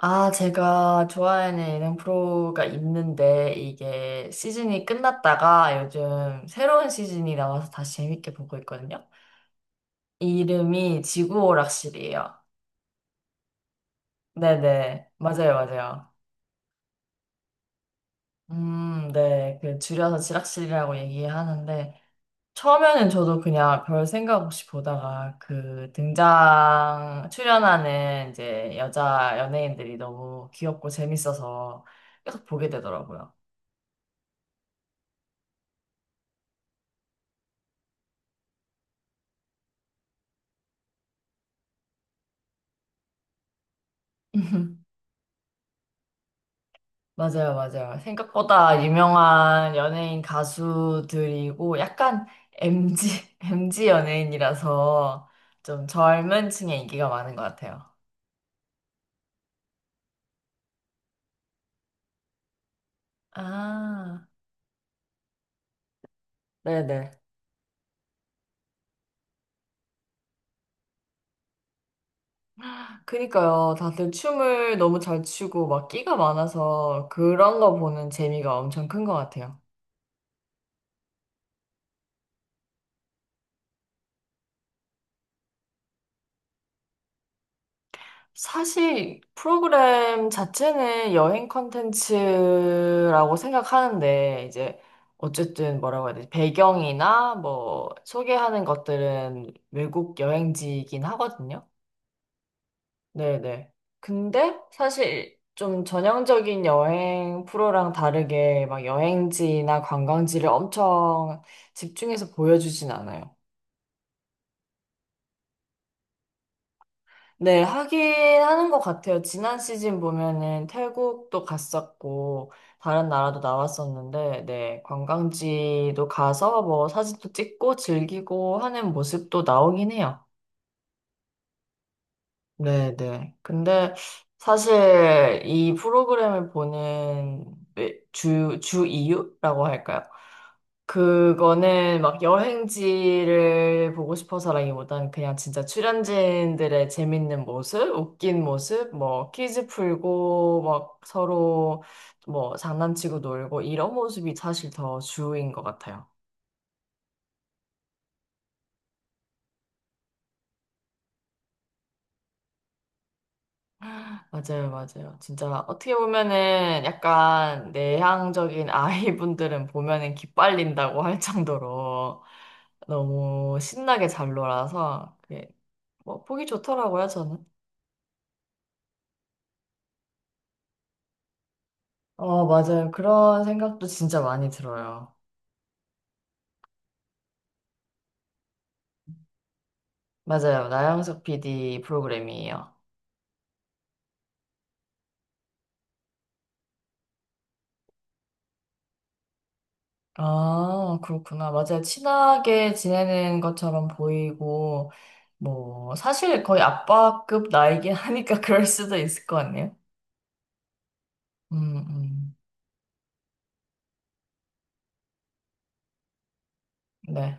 아, 제가 좋아하는 예능 프로가 있는데, 이게 시즌이 끝났다가 요즘 새로운 시즌이 나와서 다시 재밌게 보고 있거든요. 이름이 지구오락실이에요. 네네. 맞아요, 맞아요. 네. 그 줄여서 지락실이라고 얘기하는데, 처음에는 저도 그냥 별 생각 없이 보다가 그 등장, 출연하는 이제 여자 연예인들이 너무 귀엽고 재밌어서 계속 보게 되더라고요. 맞아요, 맞아요. 생각보다 유명한 연예인 가수들이고 약간 MG, MG 연예인이라서 좀 젊은 층에 인기가 많은 것 같아요. 아, 네네. 그니까요. 다들 춤을 너무 잘 추고 막 끼가 많아서 그런 거 보는 재미가 엄청 큰 것 같아요. 사실 프로그램 자체는 여행 컨텐츠라고 생각하는데 이제 어쨌든 뭐라고 해야 되지? 배경이나 뭐 소개하는 것들은 외국 여행지이긴 하거든요. 네네. 근데 사실 좀 전형적인 여행 프로랑 다르게 막 여행지나 관광지를 엄청 집중해서 보여주진 않아요. 네, 하긴 하는 것 같아요. 지난 시즌 보면은 태국도 갔었고, 다른 나라도 나왔었는데, 네, 관광지도 가서 뭐 사진도 찍고 즐기고 하는 모습도 나오긴 해요. 네네. 근데 사실 이 프로그램을 보는 주, 주 이유라고 할까요? 그거는 막 여행지를 보고 싶어서라기보단 그냥 진짜 출연진들의 재밌는 모습, 웃긴 모습, 뭐 퀴즈 풀고 막 서로 뭐 장난치고 놀고 이런 모습이 사실 더 주인 것 같아요. 맞아요, 맞아요. 진짜 어떻게 보면은 약간 내향적인 아이분들은 보면은 기빨린다고 할 정도로 너무 신나게 잘 놀아서 그게 뭐 보기 좋더라고요, 저는. 어, 맞아요. 그런 생각도 진짜 많이 들어요. 맞아요. 나영석 PD 프로그램이에요. 아, 그렇구나. 맞아요. 친하게 지내는 것처럼 보이고, 뭐, 사실 거의 아빠급 나이긴 하니까 그럴 수도 있을 것 같네요. 음, 음. 네.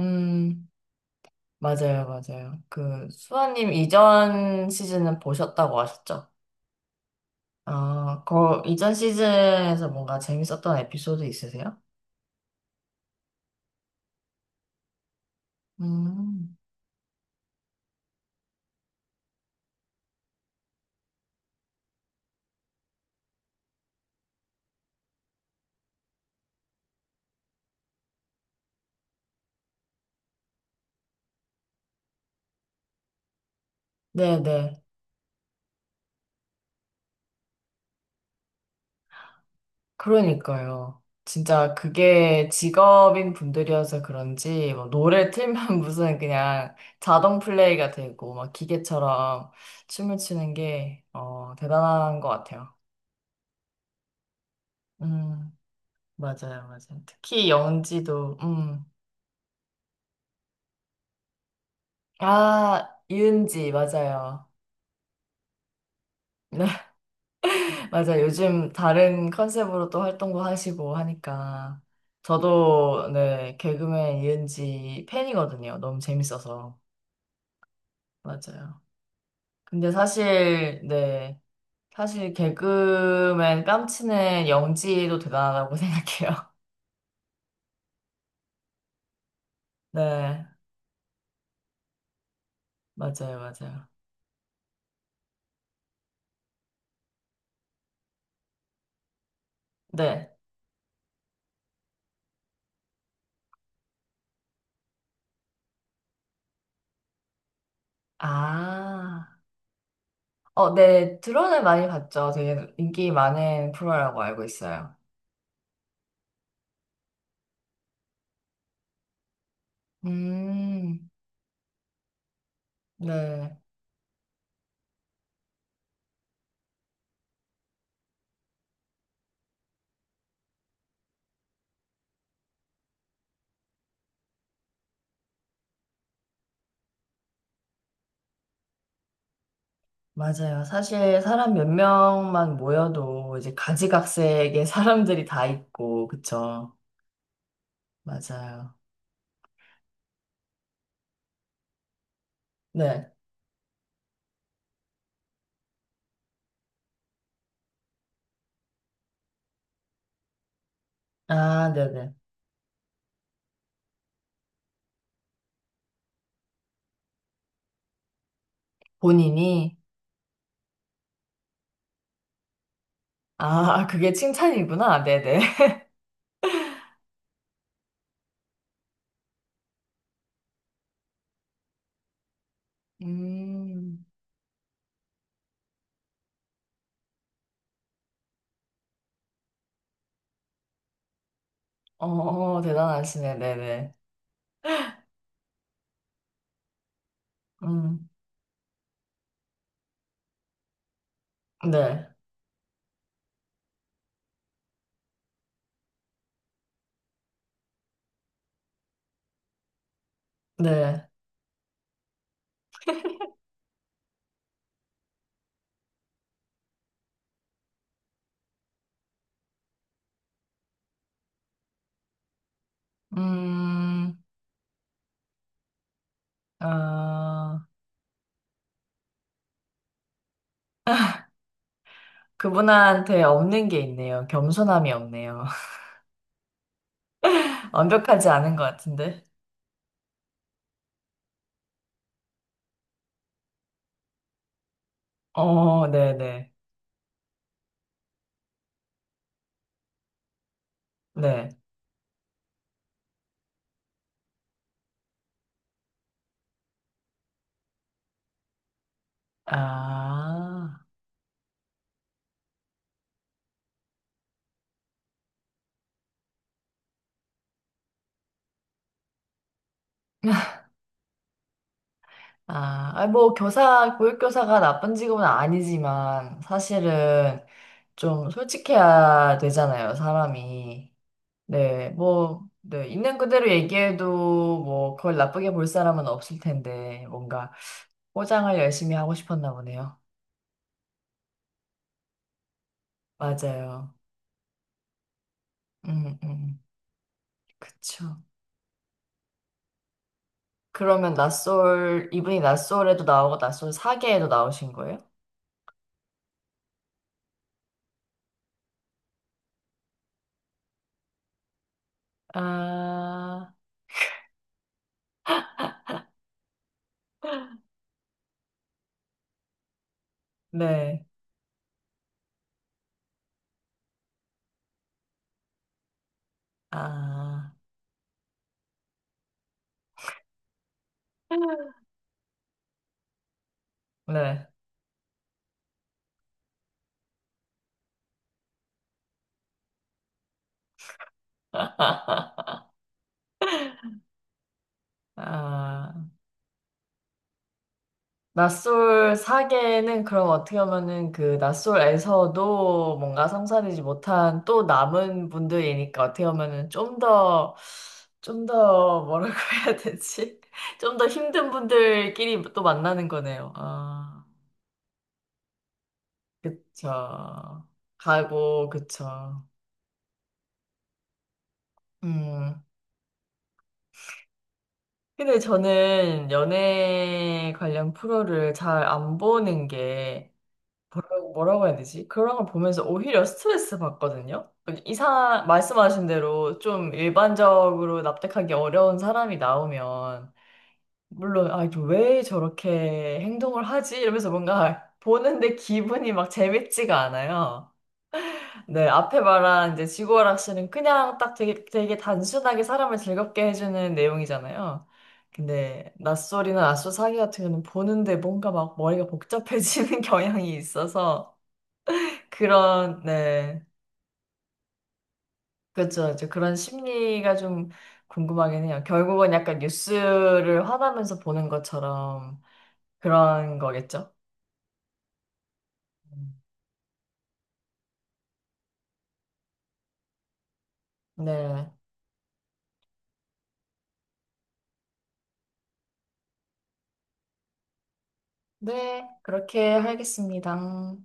음, 맞아요, 맞아요. 그, 수아님 이전 시즌은 보셨다고 하셨죠? 아, 그, 이전 시즌에서 뭔가 재밌었던 에피소드 있으세요? 음, 네네. 그러니까요. 진짜 그게 직업인 분들이어서 그런지, 뭐, 노래 틀면 무슨 그냥 자동 플레이가 되고, 막 기계처럼 춤을 추는 게, 어, 대단한 것 같아요. 음, 맞아요, 맞아요. 특히 영지도, 아, 이은지, 맞아요. 맞아요. 요즘 다른 컨셉으로 또 활동도 하시고 하니까. 저도, 네, 개그맨 이은지 팬이거든요. 너무 재밌어서. 맞아요. 근데 사실, 네, 사실 개그맨 깜치는 영지도 대단하다고 생각해요. 네, 맞아요, 맞아요. 네. 아, 어, 네, 드론을 많이 봤죠. 되게 인기 많은 프로라고 알고 있어요. 음, 네. 맞아요. 사실 사람 몇 명만 모여도 이제 가지각색의 사람들이 다 있고, 그쵸? 맞아요. 네. 아, 네네. 본인이? 아, 그게 칭찬이구나. 네네. 음, 어, 어, 대단하시네. 네네. 음, 네. 네. 음, 아, 그분한테 없는 게 있네요. 겸손함이 없네요. 완벽하지 않은 것 같은데. 어, 네네. 네. 아. 아, 아니 뭐 교사, 보육교사가 나쁜 직업은 아니지만 사실은 좀 솔직해야 되잖아요, 사람이. 네, 뭐, 네, 있는 그대로 얘기해도 뭐 그걸 나쁘게 볼 사람은 없을 텐데 뭔가 포장을 열심히 하고 싶었나 보네요. 맞아요. 음, 음, 그쵸. 그러면 낯솔, 이분이 낯솔에도 나오고 낯솔 사계에도 나오신 거예요? 아, 네. 아, 네. 아, 낯솔 사계는 그럼 어떻게 보면은 그 낯솔에서도 뭔가 성사되지 못한 또 남은 분들이니까 어떻게 보면은 좀 더, 좀 더 뭐라고 해야 되지? 좀 더 힘든 분들끼리 또 만나는 거네요. 아, 그쵸. 가고, 그쵸. 음. 근데 저는 연애 관련 프로를 잘 안 보는 게 뭐라고, 뭐라고 해야 되지? 그런 걸 보면서 오히려 스트레스 받거든요. 이상, 말씀하신 대로 좀 일반적으로 납득하기 어려운 사람이 나오면, 물론, 아, 이거 왜 저렇게 행동을 하지? 이러면서 뭔가 보는데 기분이 막 재밌지가 않아요. 네, 앞에 말한 이제 지구오락실은 그냥 딱 되게, 되게 단순하게 사람을 즐겁게 해주는 내용이잖아요. 근데 낯설이나 낯설 사기 같은 경우는 보는데 뭔가 막 머리가 복잡해지는 경향이 있어서 그런, 네. 그렇죠. 이제 그런 심리가 좀 궁금하긴 해요. 결국은 약간 뉴스를 화나면서 보는 것처럼 그런 거겠죠? 음. 네. 네, 그렇게 하겠습니다.